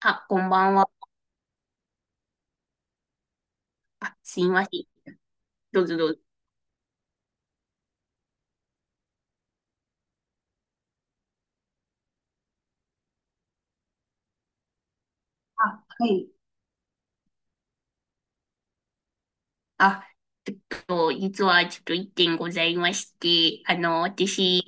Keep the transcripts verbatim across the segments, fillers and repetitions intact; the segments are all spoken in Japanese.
あ、こんばんは。あ、すいません。どうぞどうぞ。あ、はい。あ、えっと、実はちょっと一点ございまして、あの、私、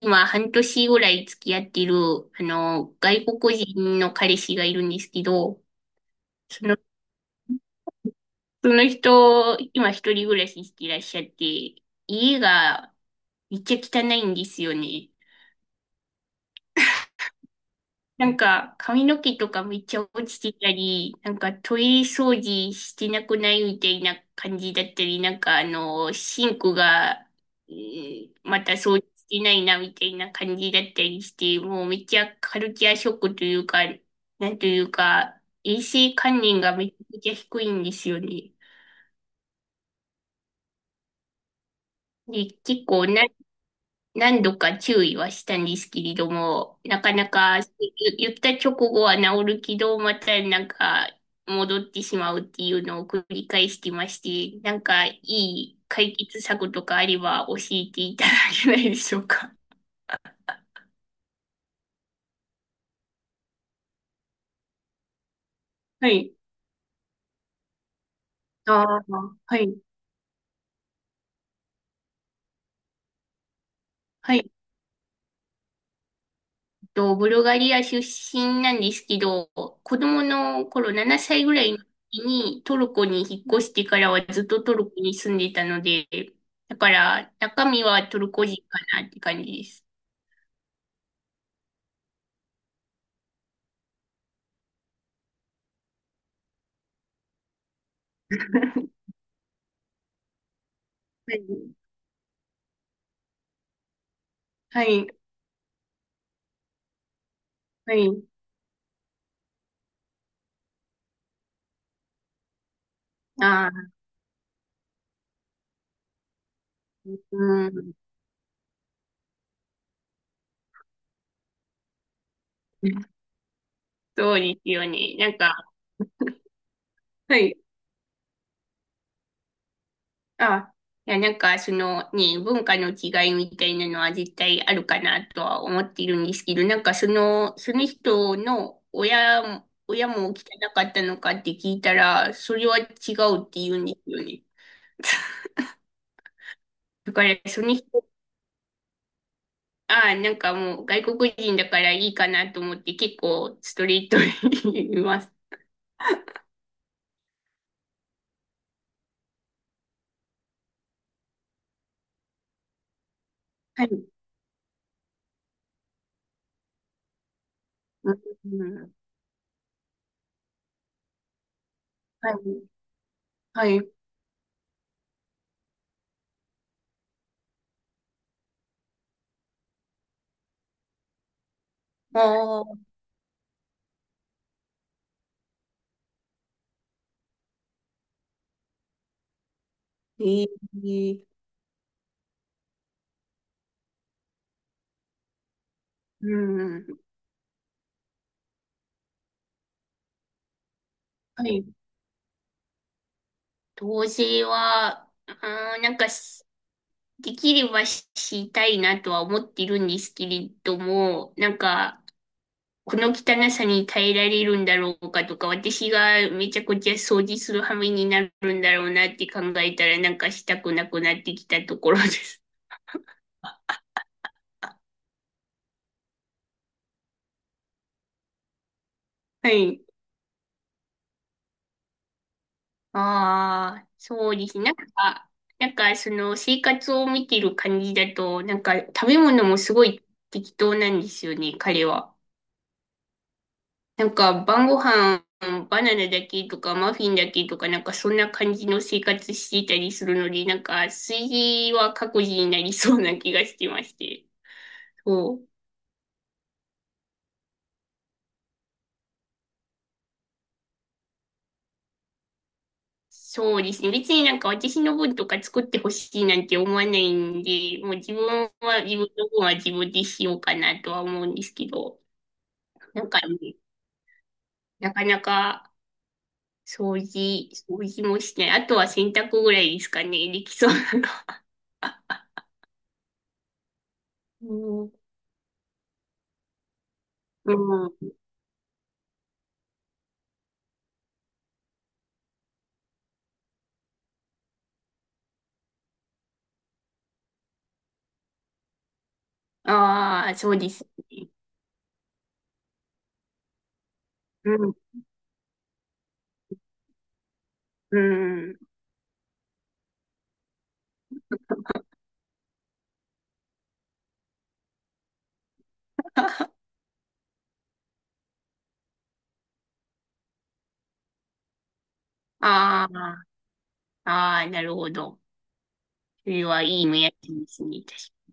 今半年ぐらい付き合ってる、あの、外国人の彼氏がいるんですけど、その、その人、今一人暮らししていらっしゃって、家がめっちゃ汚いんですよね。なんか、髪の毛とかめっちゃ落ちてたり、なんかトイレ掃除してなくないみたいな感じだったり、なんかあの、シンクが、えーまた掃除してないなみたいな感じだったりして、もうめっちゃカルチャーショックというか、なんというか、衛生観念がめちゃくちゃ低いんですよね。で、結構な何度か注意はしたんですけれども、なかなかゆ言った直後は治るけど、またなんか戻ってしまうっていうのを繰り返してまして、なんかいい解決策とかあれば教えていただけないでしょうか。はい。ああ、はい。はい。と、ブルガリア出身なんですけど、子供の頃ななさいぐらいの時にトルコに引っ越してからはずっとトルコに住んでたので、だから中身はトルコ人かなって感じです。はい、はい、はい。ああ、うん。そうですよね。なんか、はい。あ、いや、なんか、そのね、文化の違いみたいなのは絶対あるかなとは思っているんですけど、なんかその、その人の親も、親も汚かったのかって聞いたら、それは違うって言うんですよね。だから、その人、ああ、なんかもう外国人だからいいかなと思って結構ストレートに言います。はい。うん、はい。はい。ああ、ええうん。はい。同棲は、あー、なんかし、できればししたいなとは思っているんですけれども、なんか、この汚さに耐えられるんだろうかとか、私がめちゃくちゃ掃除する羽目になるんだろうなって考えたら、なんかしたくなくなってきたところです。はい。ああ、そうですね。なんか、なんかその生活を見てる感じだと、なんか食べ物もすごい適当なんですよね、彼は。なんか晩ご飯バナナだけとかマフィンだけとかなんかそんな感じの生活していたりするので、なんか炊事は各自になりそうな気がしてまして。そう。そうですね。別になんか私の分とか作ってほしいなんて思わないんで、もう自分は自分の分は自分でしようかなとは思うんですけど、なんかね、なかなか掃除、掃除もしてない。あとは洗濯ぐらいですかね。できそうなの。うん。うんああ、そうですね。うん、うん。ああ、ああ、なるほど。それはいい目安ですね。確か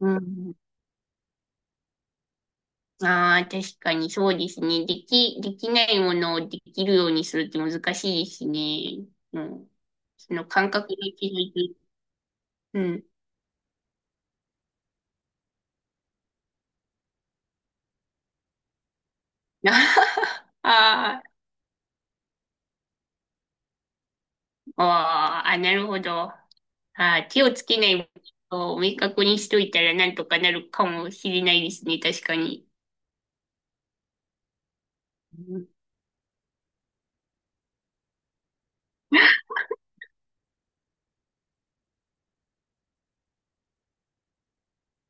うん、うん。ああ、確かにそうですね。でき、できないものをできるようにするって難しいですね。うん。その感覚で気づいて。うん。あーあー、あ、なるほど。ああ、手をつけないことを明確にしといたらなんとかなるかもしれないですね。確かに。うん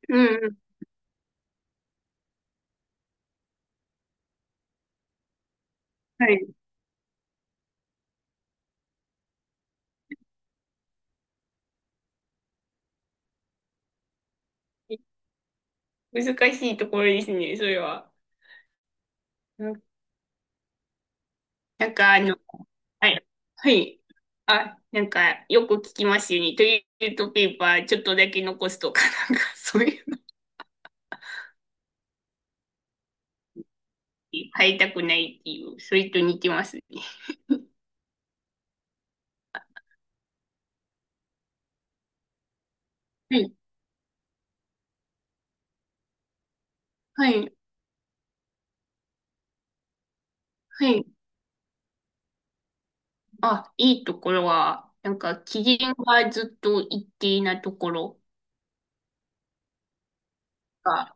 うんはい。難しいところですね、それは。うんなんか、あの、はい。はい。あ、なんか、よく聞きますよね。トイレットペーパーちょっとだけ残すとか、なんか、そういうのに変えたくないっていう、それと似てますね。はい。はい。はい。あ、いいところは、なんか、機嫌がずっと一定なところが、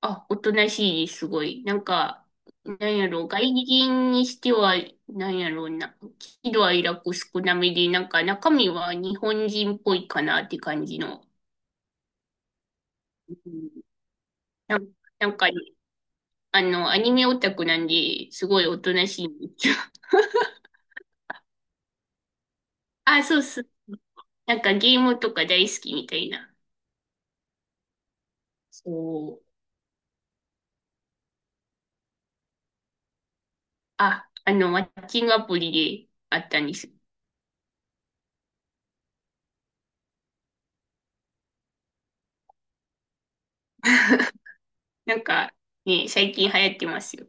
あ、おとなしいです、すごい。なんか、なんやろう、外人にしては、なんやろうな、喜怒哀楽少なめで、なんか中身は日本人っぽいかなって感じの。うんなんなんかね、あの、アニメオタクなんで、すごいおとなしいんですよ。あ、そうそう。なんかゲームとか大好きみたいな。そう。あ、あの、マッチングアプリであったんです。なんか、ね、最近流行ってますよ。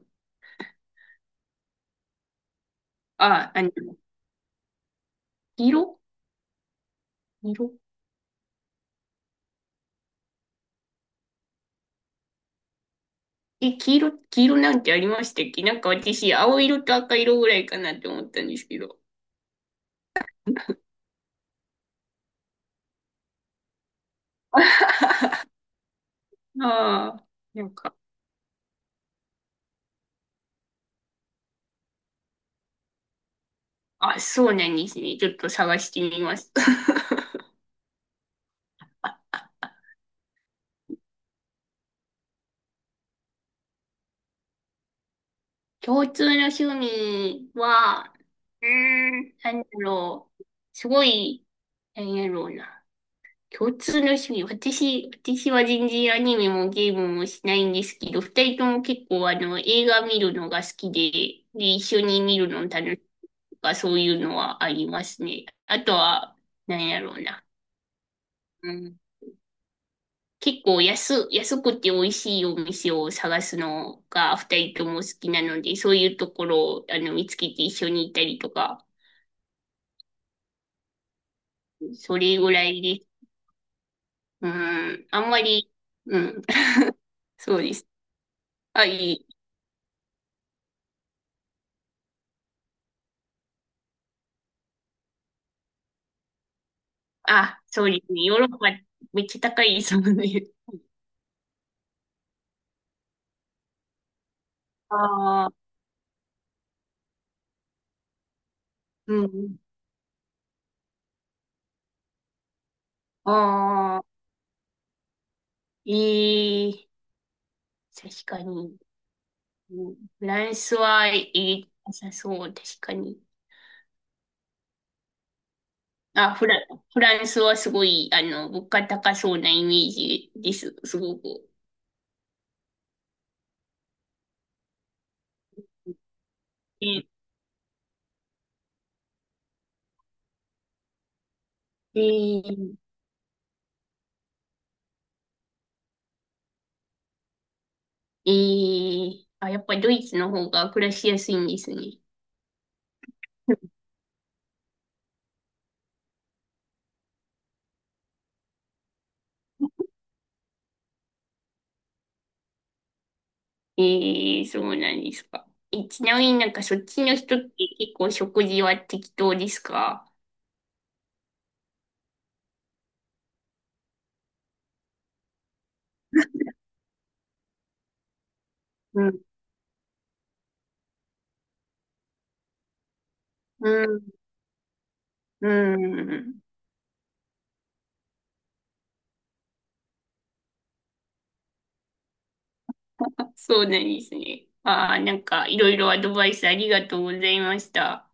あ、あの、色色え、黄色、黄色なんてありましたっけ？なんか私、青色と赤色ぐらいかなって思ったんですけど。ああ、なんか、あ、そうなんですね。ちょっと探してみます。共通の趣味は、うーん、なんだろう。すごい、なんやろうな。共通の趣味。私、私は全然アニメもゲームもしないんですけど、二人とも結構あの、映画見るのが好きで、で、一緒に見るの楽しいとか、そういうのはありますね。あとは、なんやろうな。うん。結構安、安くて美味しいお店を探すのが二人とも好きなので、そういうところをあの見つけて一緒に行ったりとか、それぐらいです。うん。あんまり、うん。そうです。あ、いい。あ、そうですね。ヨーロッパめっちゃ高いですもんね。ああ、うん。ああ、いい。確かに。うんフランスはいい。良さそう、確かに。あ、フラ、フランスはすごい、あの、物価高そうなイメージです。すごく。え、えー、えー、あ、やっぱりドイツの方が暮らしやすいんですね。ええそうなんですか？え、ちなみになんかそっちの人って結構食事は適当ですか？うん。うん。うん。そうなんですね。ああ、なんかいろいろアドバイスありがとうございました。